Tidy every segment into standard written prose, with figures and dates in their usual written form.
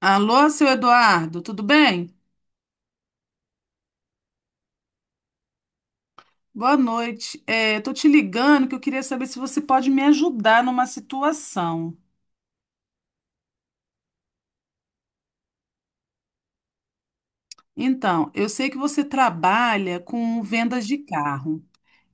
Alô, seu Eduardo, tudo bem? Boa noite. Tô te ligando que eu queria saber se você pode me ajudar numa situação. Então, eu sei que você trabalha com vendas de carro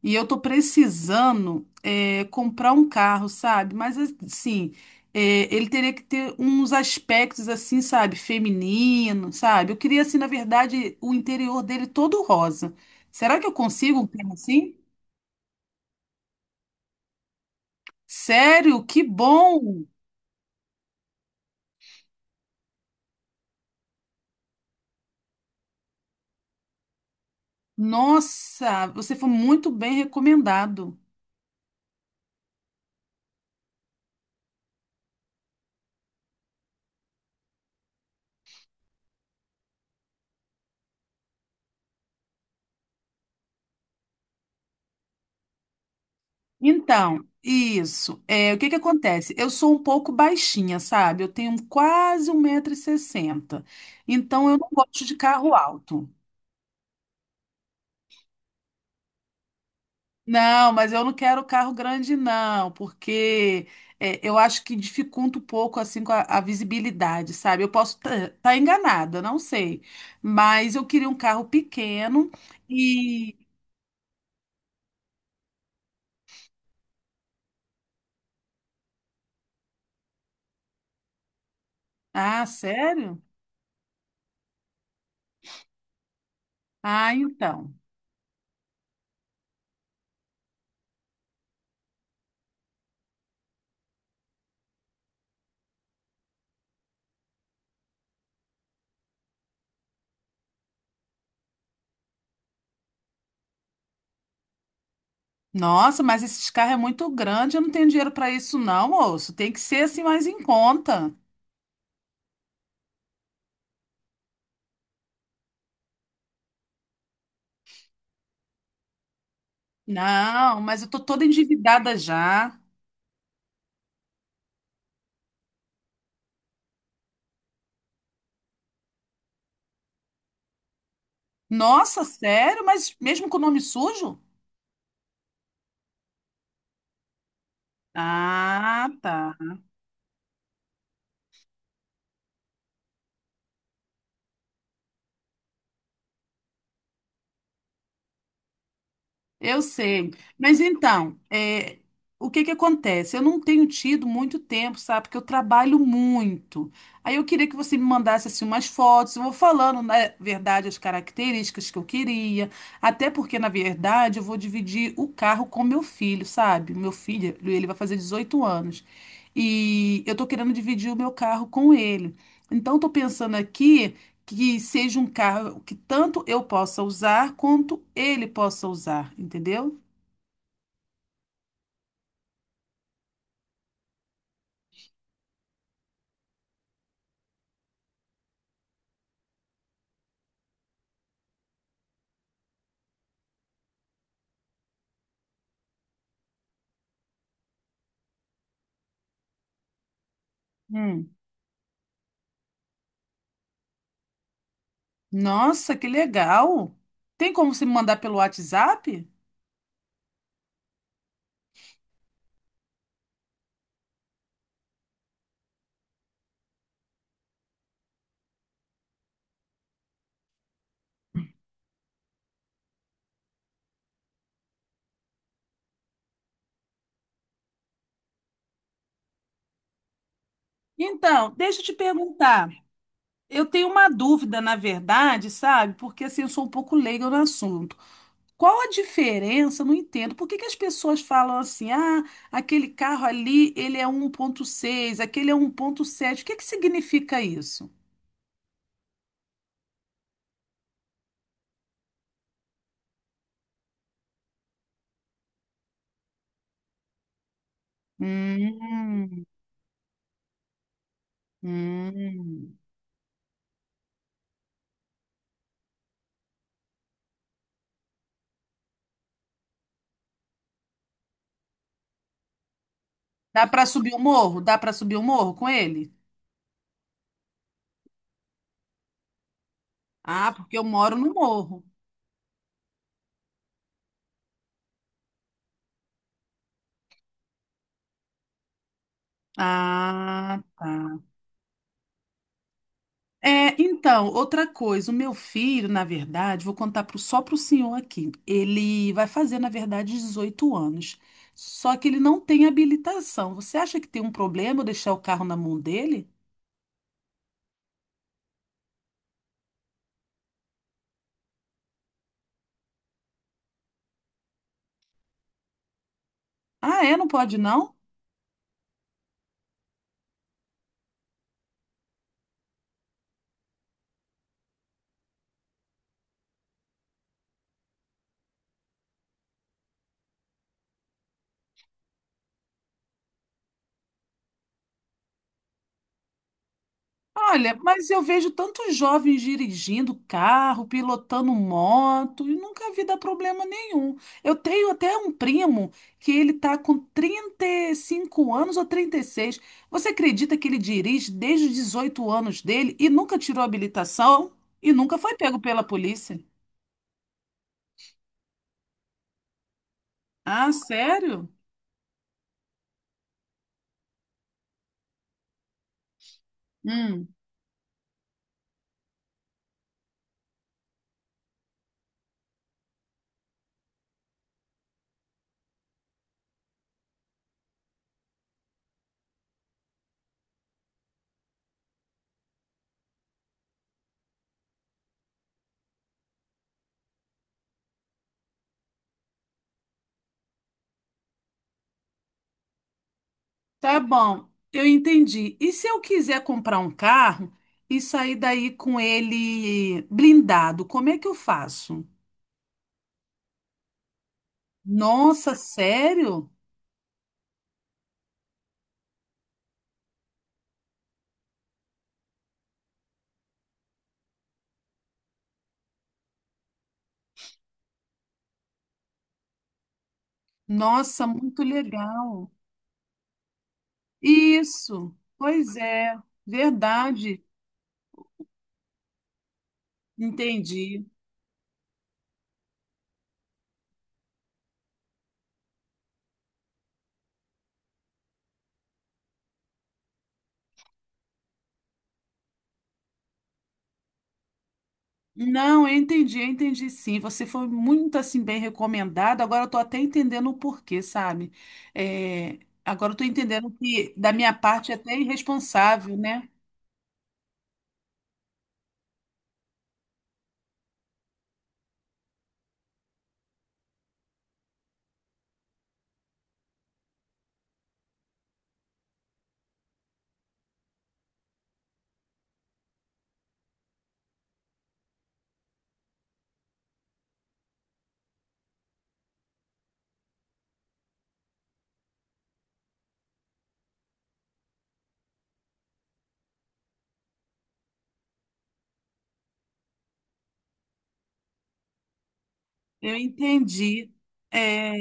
e eu tô precisando, comprar um carro, sabe? Mas assim, ele teria que ter uns aspectos assim, sabe, feminino, sabe? Eu queria assim, na verdade, o interior dele todo rosa. Será que eu consigo um carro assim? Sério? Que bom! Nossa, você foi muito bem recomendado. Então, isso. É, o que que acontece? Eu sou um pouco baixinha, sabe? Eu tenho quase 1,60 m. Então, eu não gosto de carro alto. Não, mas eu não quero carro grande, não, porque eu acho que dificulta um pouco assim com a visibilidade, sabe? Eu posso estar enganada, não sei. Mas eu queria um carro pequeno e. Ah, sério? Ah, então. Nossa, mas esse carro é muito grande, eu não tenho dinheiro para isso não, moço. Tem que ser assim mais em conta. Não, mas eu tô toda endividada já. Nossa, sério? Mas mesmo com o nome sujo? Ah, tá. Eu sei. Mas então, o que que acontece? Eu não tenho tido muito tempo, sabe? Porque eu trabalho muito. Aí eu queria que você me mandasse assim umas fotos. Eu vou falando, na verdade, as características que eu queria. Até porque, na verdade, eu vou dividir o carro com meu filho, sabe? Meu filho, ele vai fazer 18 anos. E eu tô querendo dividir o meu carro com ele. Então, eu tô pensando aqui que seja um carro que tanto eu possa usar quanto ele possa usar, entendeu? Hum. Nossa, que legal! Tem como você me mandar pelo WhatsApp? Então, deixa eu te perguntar. Eu tenho uma dúvida, na verdade, sabe? Porque assim, eu sou um pouco leiga no assunto. Qual a diferença? Eu Não entendo. Por que que as pessoas falam assim: ah, aquele carro ali, ele é 1.6, aquele é 1.7. O que que significa isso? Hum, hum. Dá pra subir o morro? Dá pra subir o morro com ele? Ah, porque eu moro no morro. Ah, tá. Então, outra coisa, o meu filho, na verdade, vou contar só pro senhor aqui. Ele vai fazer, na verdade, 18 anos. Só que ele não tem habilitação. Você acha que tem um problema eu deixar o carro na mão dele? Ah, é? Não pode, não? Olha, mas eu vejo tantos jovens dirigindo carro, pilotando moto, e nunca vi dar problema nenhum. Eu tenho até um primo que ele tá com 35 anos ou 36. Você acredita que ele dirige desde os 18 anos dele e nunca tirou a habilitação e nunca foi pego pela polícia? Ah, sério? Hum, tá bom, eu entendi. E se eu quiser comprar um carro e sair daí com ele blindado, como é que eu faço? Nossa, sério? Nossa, muito legal. Isso, pois é, verdade, entendi. Não, eu entendi sim. Você foi muito assim bem recomendado. Agora eu tô até entendendo o porquê, sabe? É, Agora eu tô entendendo que da minha parte é até irresponsável, né? Eu entendi. É,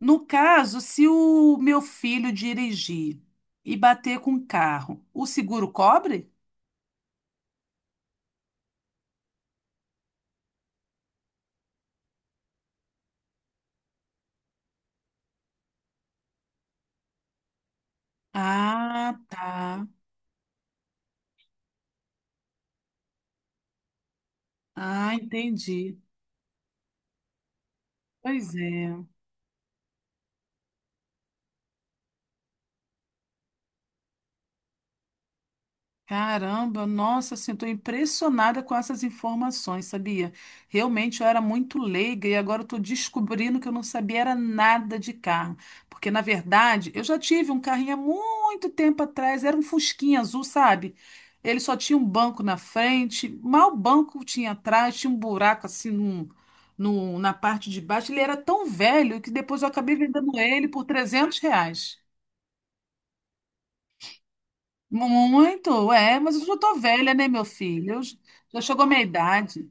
no caso, se o meu filho dirigir e bater com o carro, o seguro cobre? Ah, tá. Ah, entendi. Pois é. Caramba, nossa, assim, estou impressionada com essas informações, sabia? Realmente eu era muito leiga e agora estou descobrindo que eu não sabia era nada de carro. Porque, na verdade, eu já tive um carrinho há muito tempo atrás, era um fusquinha azul, sabe? Ele só tinha um banco na frente, mal banco tinha atrás, tinha um buraco assim na parte de baixo. Ele era tão velho que depois eu acabei vendendo ele por R$ 300. Muito, mas eu já tô velha, né, meu filho? Eu j- já chegou a minha idade.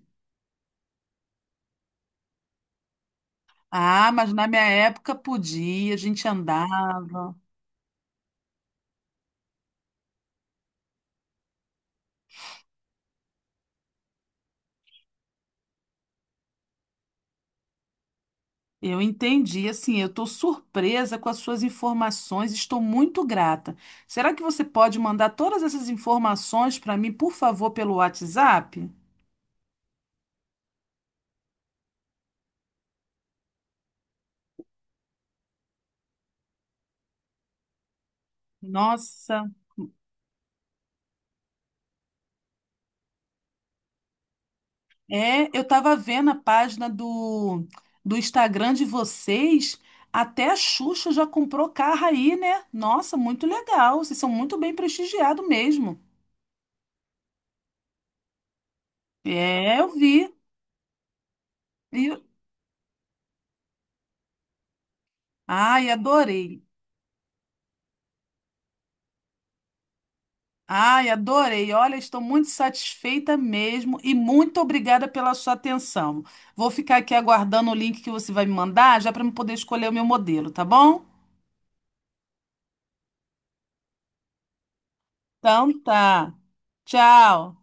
Ah, mas na minha época podia, a gente andava. Eu entendi, assim, eu estou surpresa com as suas informações, estou muito grata. Será que você pode mandar todas essas informações para mim, por favor, pelo WhatsApp? Nossa. Eu tava vendo a página do Instagram de vocês. Até a Xuxa já comprou carro aí, né? Nossa, muito legal. Vocês são muito bem prestigiados mesmo. É, eu vi. E- Ai, adorei. Ai, adorei. Olha, estou muito satisfeita mesmo e muito obrigada pela sua atenção. Vou ficar aqui aguardando o link que você vai me mandar, já para eu poder escolher o meu modelo, tá bom? Então tá. Tchau.